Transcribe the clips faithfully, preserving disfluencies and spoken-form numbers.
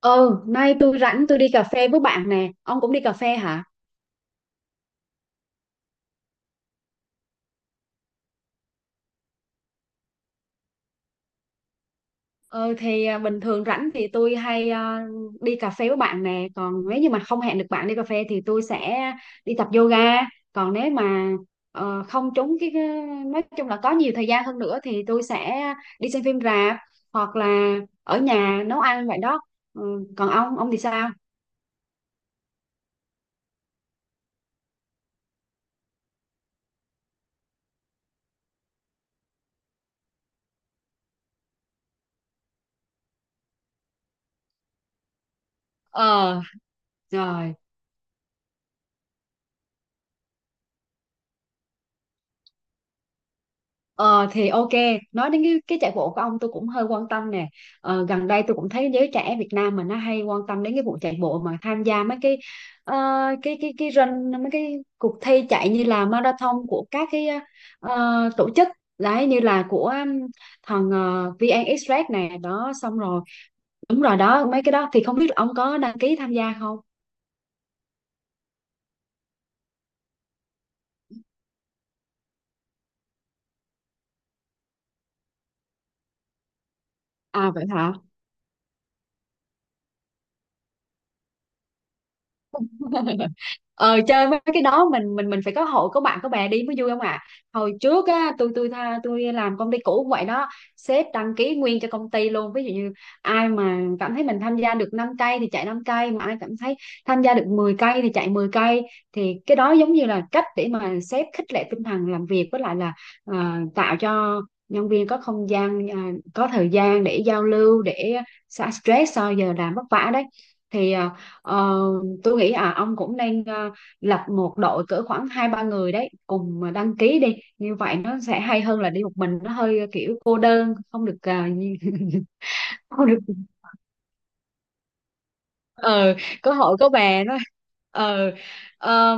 Ừ, nay tôi rảnh tôi đi cà phê với bạn nè. Ông cũng đi cà phê hả? Ừ thì à, bình thường rảnh thì tôi hay à, đi cà phê với bạn nè. Còn nếu như mà không hẹn được bạn đi cà phê thì tôi sẽ đi tập yoga. Còn nếu mà ờ, không trúng cái cái- nói chung là có nhiều thời gian hơn nữa thì tôi sẽ đi xem phim rạp hoặc là ở nhà nấu ăn vậy đó. Ừ, còn ông ông thì sao? Ờ, rồi. Ờ thì ok, nói đến cái, cái chạy bộ của ông tôi cũng hơi quan tâm nè. Ờ, gần đây tôi cũng thấy giới trẻ Việt Nam mình nó hay quan tâm đến cái vụ chạy bộ mà tham gia mấy cái ờ, cái cái cái run mấy cái cuộc thi chạy như là marathon của các cái ờ, tổ chức đấy, như là của um, thằng uh, vê en Express này đó, xong rồi đúng rồi đó, mấy cái đó thì không biết là ông có đăng ký tham gia không? À vậy hả? ờ Chơi mấy cái đó mình mình mình phải có hội có bạn có bè đi mới vui, không ạ. Hồi trước á, tôi tôi tha- tôi làm công ty cũ cũng vậy đó, sếp đăng ký nguyên cho công ty luôn, ví dụ như ai mà cảm thấy mình tham gia được năm cây thì chạy năm cây, mà ai cảm thấy tham gia được mười cây thì chạy mười cây. Thì cái đó giống như là cách để mà sếp khích lệ tinh thần làm việc, với lại là à, tạo cho nhân viên có không gian, à, có thời gian để giao lưu, để xả stress sau giờ làm vất vả đấy. Thì ờ, ờ, tôi nghĩ à ông cũng nên ờ, lập một đội cỡ khoảng hai ba người đấy cùng mà đăng ký đi, như vậy nó sẽ hay hơn là đi một mình, nó hơi kiểu cô đơn, không được ờ, không được. ờ có hội có bè đó. ờ ờ,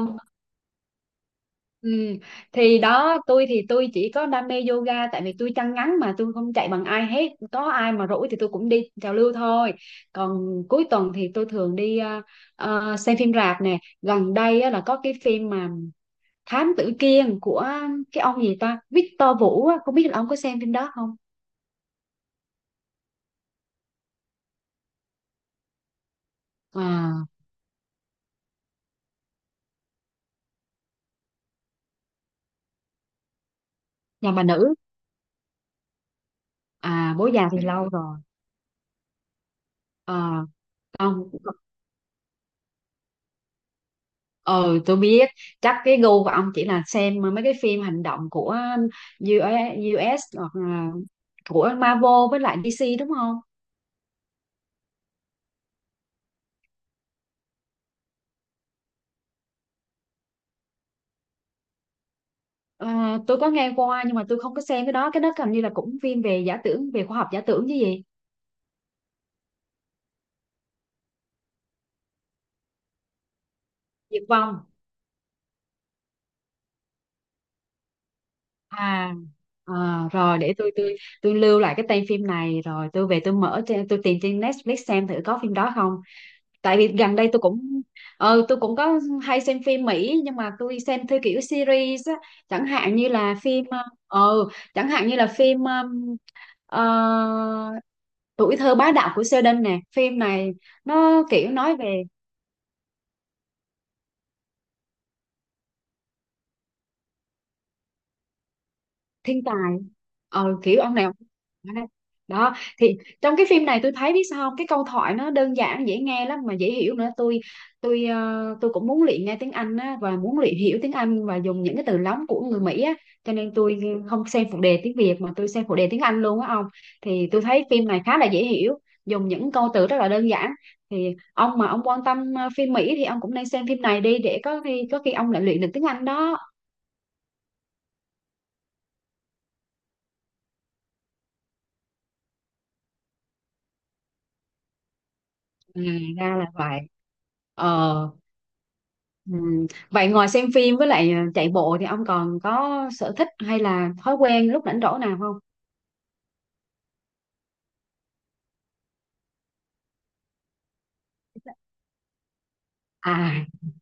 ừm. Thì đó, tôi thì tôi chỉ có đam mê yoga, tại vì tôi chân ngắn mà tôi không chạy bằng ai hết, có ai mà rỗi thì tôi cũng đi trào lưu thôi. Còn cuối tuần thì tôi thường đi ờ, ờ, xem phim rạp nè. Gần đây á, là có cái phim mà Thám tử Kiên của cái ông gì ta, Victor Vũ á, không biết là ông có xem phim đó không. à, Nhà Bà Nữ. À, Bố Già thì lâu rồi. À, ông, ờ tôi biết, chắc cái gu của ông chỉ là xem mấy cái phim hành động của u US hoặc là của Marvel với lại đê xê đúng không. À, tôi có nghe qua nhưng mà tôi không có xem cái đó, cái đó hình như là cũng phim về giả tưởng, về khoa học giả tưởng chứ gì. Diệt vong. À. ờ Rồi, để tôi tôi tôi lưu lại cái tên phim này, rồi tôi về tôi mở trên, tôi tìm trên Netflix xem thử có phim đó không. Tại vì gần đây tôi cũng ờ, tôi cũng có hay xem phim Mỹ, nhưng mà tôi xem theo kiểu series á, chẳng hạn như là phim ờ ờ, chẳng hạn như là phim um, ờ, Tuổi Thơ Bá Đạo Của Sheldon nè, phim này nó kiểu nói về thiên tài, ờ kiểu ông này, ông này. Đó, thì trong cái phim này tôi thấy, biết sao không, cái câu thoại nó đơn giản dễ nghe lắm mà dễ hiểu nữa, tôi tôi ờ, tôi cũng muốn luyện nghe tiếng Anh á, và muốn luyện hiểu tiếng Anh và dùng những cái từ lóng của người Mỹ á, cho nên tôi không xem phụ đề tiếng Việt mà tôi xem phụ đề tiếng Anh luôn á ông. Thì tôi thấy phim này khá là dễ hiểu, dùng những câu từ rất là đơn giản, thì ông mà ông quan tâm ờ, phim Mỹ thì ông cũng nên xem phim này đi, để có khi có khi ông lại luyện được tiếng Anh đó. À, ra là vậy. Ờ. Ừ. Vậy ngoài xem phim với lại ờ, chạy bộ thì ông còn có sở thích hay là thói quen lúc rảnh rỗi nào không? À,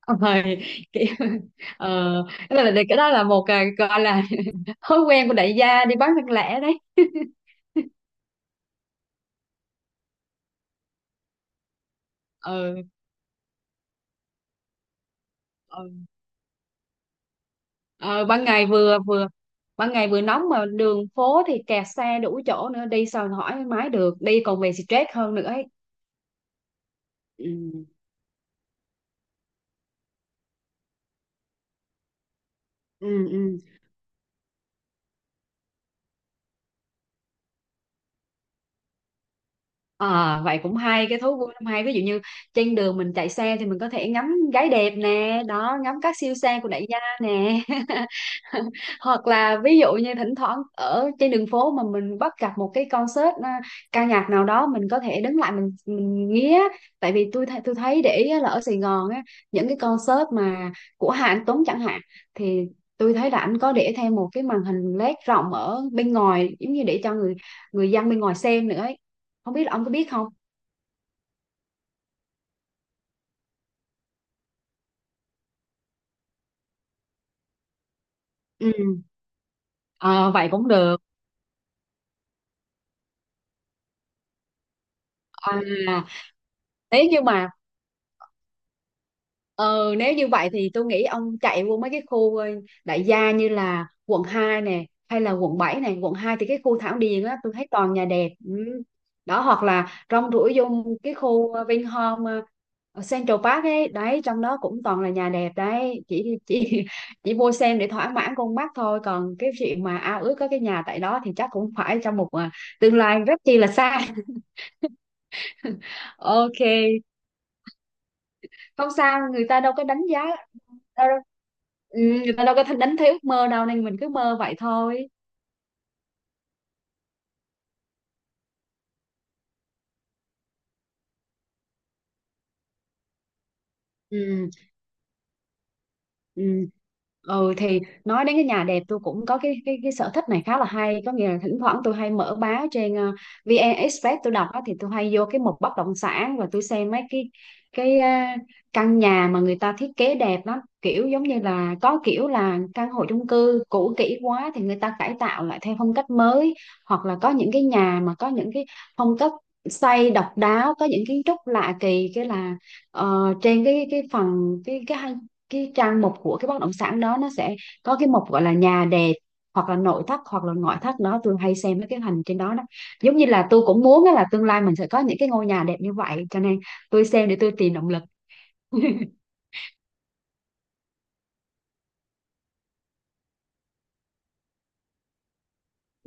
ông ơi, kiểu, ờ, cái đó là cái đó là một ờ, gọi là thói quen của đại gia đi bán thân lẻ đấy. Ừ, ừ. Ờ, ban ngày vừa vừa ban ngày vừa nóng mà đường phố thì kẹt xe đủ chỗ nữa, đi sao hỏi mái được, đi còn về stress hơn nữa ấy. Ừ. Ừ, ừ. À, vậy cũng hay cái thú vui, năm hay ví dụ như trên đường mình chạy xe thì mình có thể ngắm gái đẹp nè đó, ngắm các siêu xe của đại gia nè, hoặc là ví dụ như thỉnh thoảng ở trên đường phố mà mình bắt gặp một cái concert à, ca nhạc nào đó, mình có thể đứng lại mình mình nghe. Tại vì tôi th- tôi thấy để ý á, là ở Sài Gòn á, những cái concert mà của Hà Anh Tuấn chẳng hạn, thì tôi thấy là anh có để thêm một cái màn hình lét rộng ở bên ngoài, giống như để cho người người dân bên ngoài xem nữa ấy, không biết là ông có biết không. Ừ. Ờ, vậy cũng được. À, nếu như mà ờ, nếu như vậy thì tôi nghĩ ông chạy vô mấy cái khu ờ, đại gia, như là quận hai nè, hay là quận bảy này. Quận hai thì cái khu Thảo Điền á, tôi thấy toàn nhà đẹp. Ừ. Đó, hoặc là rong ruổi vô cái khu ờ, Vinhome, ờ, ở Central Park ấy đấy, trong đó cũng toàn là nhà đẹp đấy, chỉ chỉ chỉ mua xem để thỏa mãn con mắt thôi, còn cái chuyện mà ao ước có cái nhà tại đó thì chắc cũng phải trong một ờ, tương lai rất chi là xa. Ok, không sao, người ta đâu có đánh giá đâu, đâu. Ừ, người ta đâu có đánh, thấy ước mơ đâu, nên mình cứ mơ vậy thôi. Ừ. Ừ. Ừ, thì nói đến cái nhà đẹp, tôi cũng có cái cái cái sở thích này khá là hay, có nghĩa là thỉnh thoảng tôi hay mở báo trên ờ, vê en Express tôi đọc á, thì tôi hay vô cái mục bất động sản, và tôi xem mấy cái cái ờ, căn nhà mà người ta thiết kế đẹp lắm, kiểu giống như là có kiểu là căn hộ chung cư cũ kỹ quá thì người ta cải tạo lại theo phong cách mới, hoặc là có những cái nhà mà có những cái phong cách xây độc đáo, có những kiến trúc lạ kỳ, cái là ờ, trên cái cái phần cái cái cái trang mục của cái bất động sản đó, nó sẽ có cái mục gọi là nhà đẹp, hoặc là nội thất hoặc là ngoại thất đó, tôi hay xem mấy cái hình trên đó đó, giống như là tôi cũng muốn á, là tương lai mình sẽ có những cái ngôi nhà đẹp như vậy, cho nên tôi xem để tôi tìm động lực.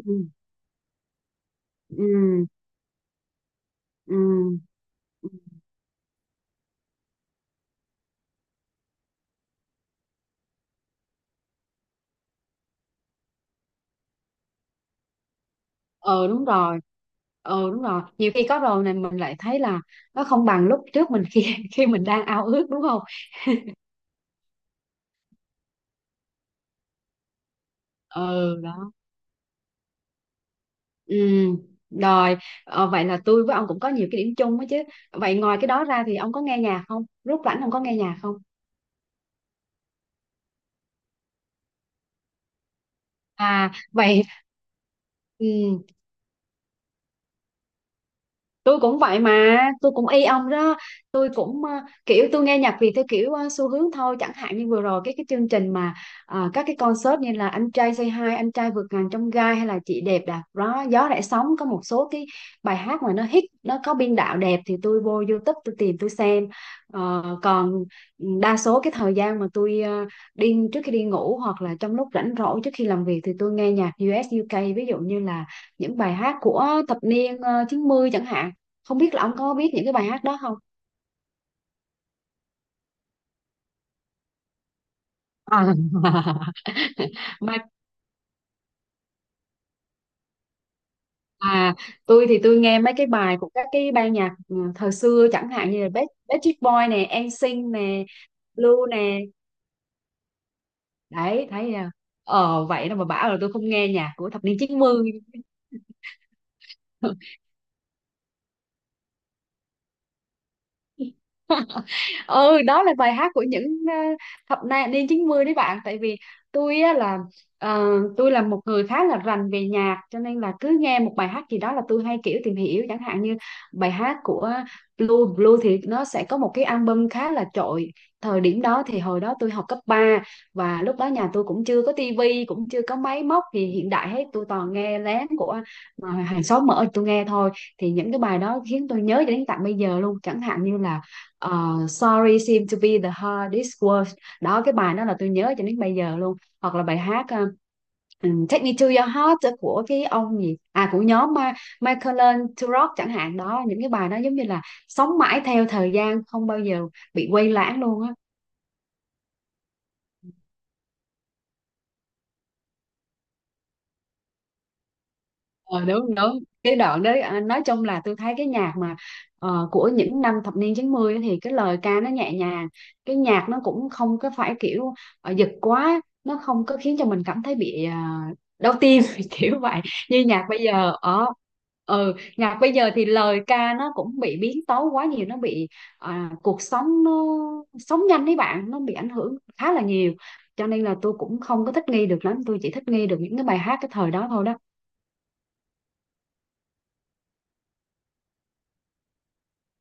Ừ, ừ, ừ. ờ Đúng rồi. Ờ đúng rồi, nhiều khi có rồi này mình lại thấy là nó không bằng lúc trước mình, khi khi mình đang ao ước, đúng không. ờ Đó. Ừ, rồi, ờ, vậy là tôi với ông cũng có nhiều cái điểm chung đó chứ. Vậy ngoài cái đó ra thì ông có nghe nhạc không? Rút rảnh ông có nghe nhạc không? À, vậy. Ừ, tôi cũng vậy mà, tôi cũng y ông đó, tôi cũng ờ, kiểu tôi nghe nhạc Việt theo kiểu ờ, xu hướng thôi, chẳng hạn như vừa rồi cái cái chương trình mà ờ, các cái concert như là Anh Trai Say Hi, Anh Trai Vượt Ngàn Chông Gai, hay là Chị Đẹp Đạp gió gió Rẽ Sóng, có một số cái bài hát mà nó hit, nó có biên đạo đẹp, thì tôi vô YouTube tôi tìm tôi xem. Ờ, còn đa số cái thời gian mà tôi ờ, đi trước khi đi ngủ, hoặc là trong lúc rảnh rỗi trước khi làm việc, thì tôi nghe nhạc u ét u ca, ví dụ như là những bài hát của thập niên ờ, chín mươi chẳng hạn, không biết là ông có biết những cái bài hát đó không. à, mà à, tôi thì tôi nghe mấy cái bài của các cái ban nhạc ừ, thời xưa, chẳng hạn như là Back- Backstreet Boy nè, en sinh nè, Blue nè, đấy thấy chưa? Ờ vậy đâu mà bảo là tôi không nghe nhạc của thập niên chín mươi. Ừ, đó là bài hát của những ờ, thập na- niên chín mươi đấy bạn, tại vì tôi á là ờ, tôi là một người khá là rành về nhạc, cho nên là cứ nghe một bài hát gì đó là tôi hay kiểu tìm hiểu, chẳng hạn như bài hát của Blue Blue thì nó sẽ có một cái album khá là trội thời điểm đó. Thì hồi đó tôi học cấp ba, và lúc đó nhà tôi cũng chưa có tivi, cũng chưa có máy móc thì hiện đại hết, tôi toàn nghe lén của mà hàng xóm mở tôi nghe thôi, thì những cái bài đó khiến tôi nhớ cho đến tận bây giờ luôn, chẳng hạn như là ờ, Sorry Seem to Be the Hardest Word đó, cái bài đó là tôi nhớ cho đến bây giờ luôn, hoặc là bài hát ờ, ừm, Take Me to Your Heart của cái ông gì à của nhóm Ma- Michael Turok chẳng hạn đó, những cái bài đó giống như là sống mãi theo thời gian, không bao giờ bị quay lãng luôn á. Ờ, đúng đúng cái đoạn đấy. À, nói chung là tôi thấy cái nhạc mà ờ, của những năm thập niên chín mươi ấy thì cái lời ca nó nhẹ nhàng, cái nhạc nó cũng không có phải kiểu ờ, giật quá, nó không có khiến cho mình cảm thấy bị à, đau tim kiểu vậy như nhạc bây giờ. Ở ừ Nhạc bây giờ thì lời ca nó cũng bị biến tấu quá nhiều, nó bị à, cuộc sống nó sống nhanh đấy bạn, nó bị ảnh hưởng khá là nhiều, cho nên là tôi cũng không có thích nghi được lắm, tôi chỉ thích nghi được những cái bài hát cái thời đó thôi đó.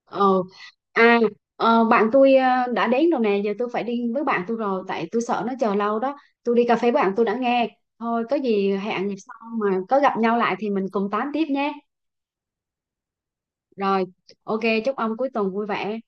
Ờ. à, ờ, Bạn tôi ờ, đã đến rồi nè, giờ tôi phải đi với bạn tôi rồi, tại tôi sợ nó chờ lâu đó. Tôi đi cà phê với bạn tôi đã nghe. Thôi, có gì hẹn dịp sau mà có gặp nhau lại thì mình cùng tám tiếp nhé. Rồi, ok, chúc ông cuối tuần vui vẻ.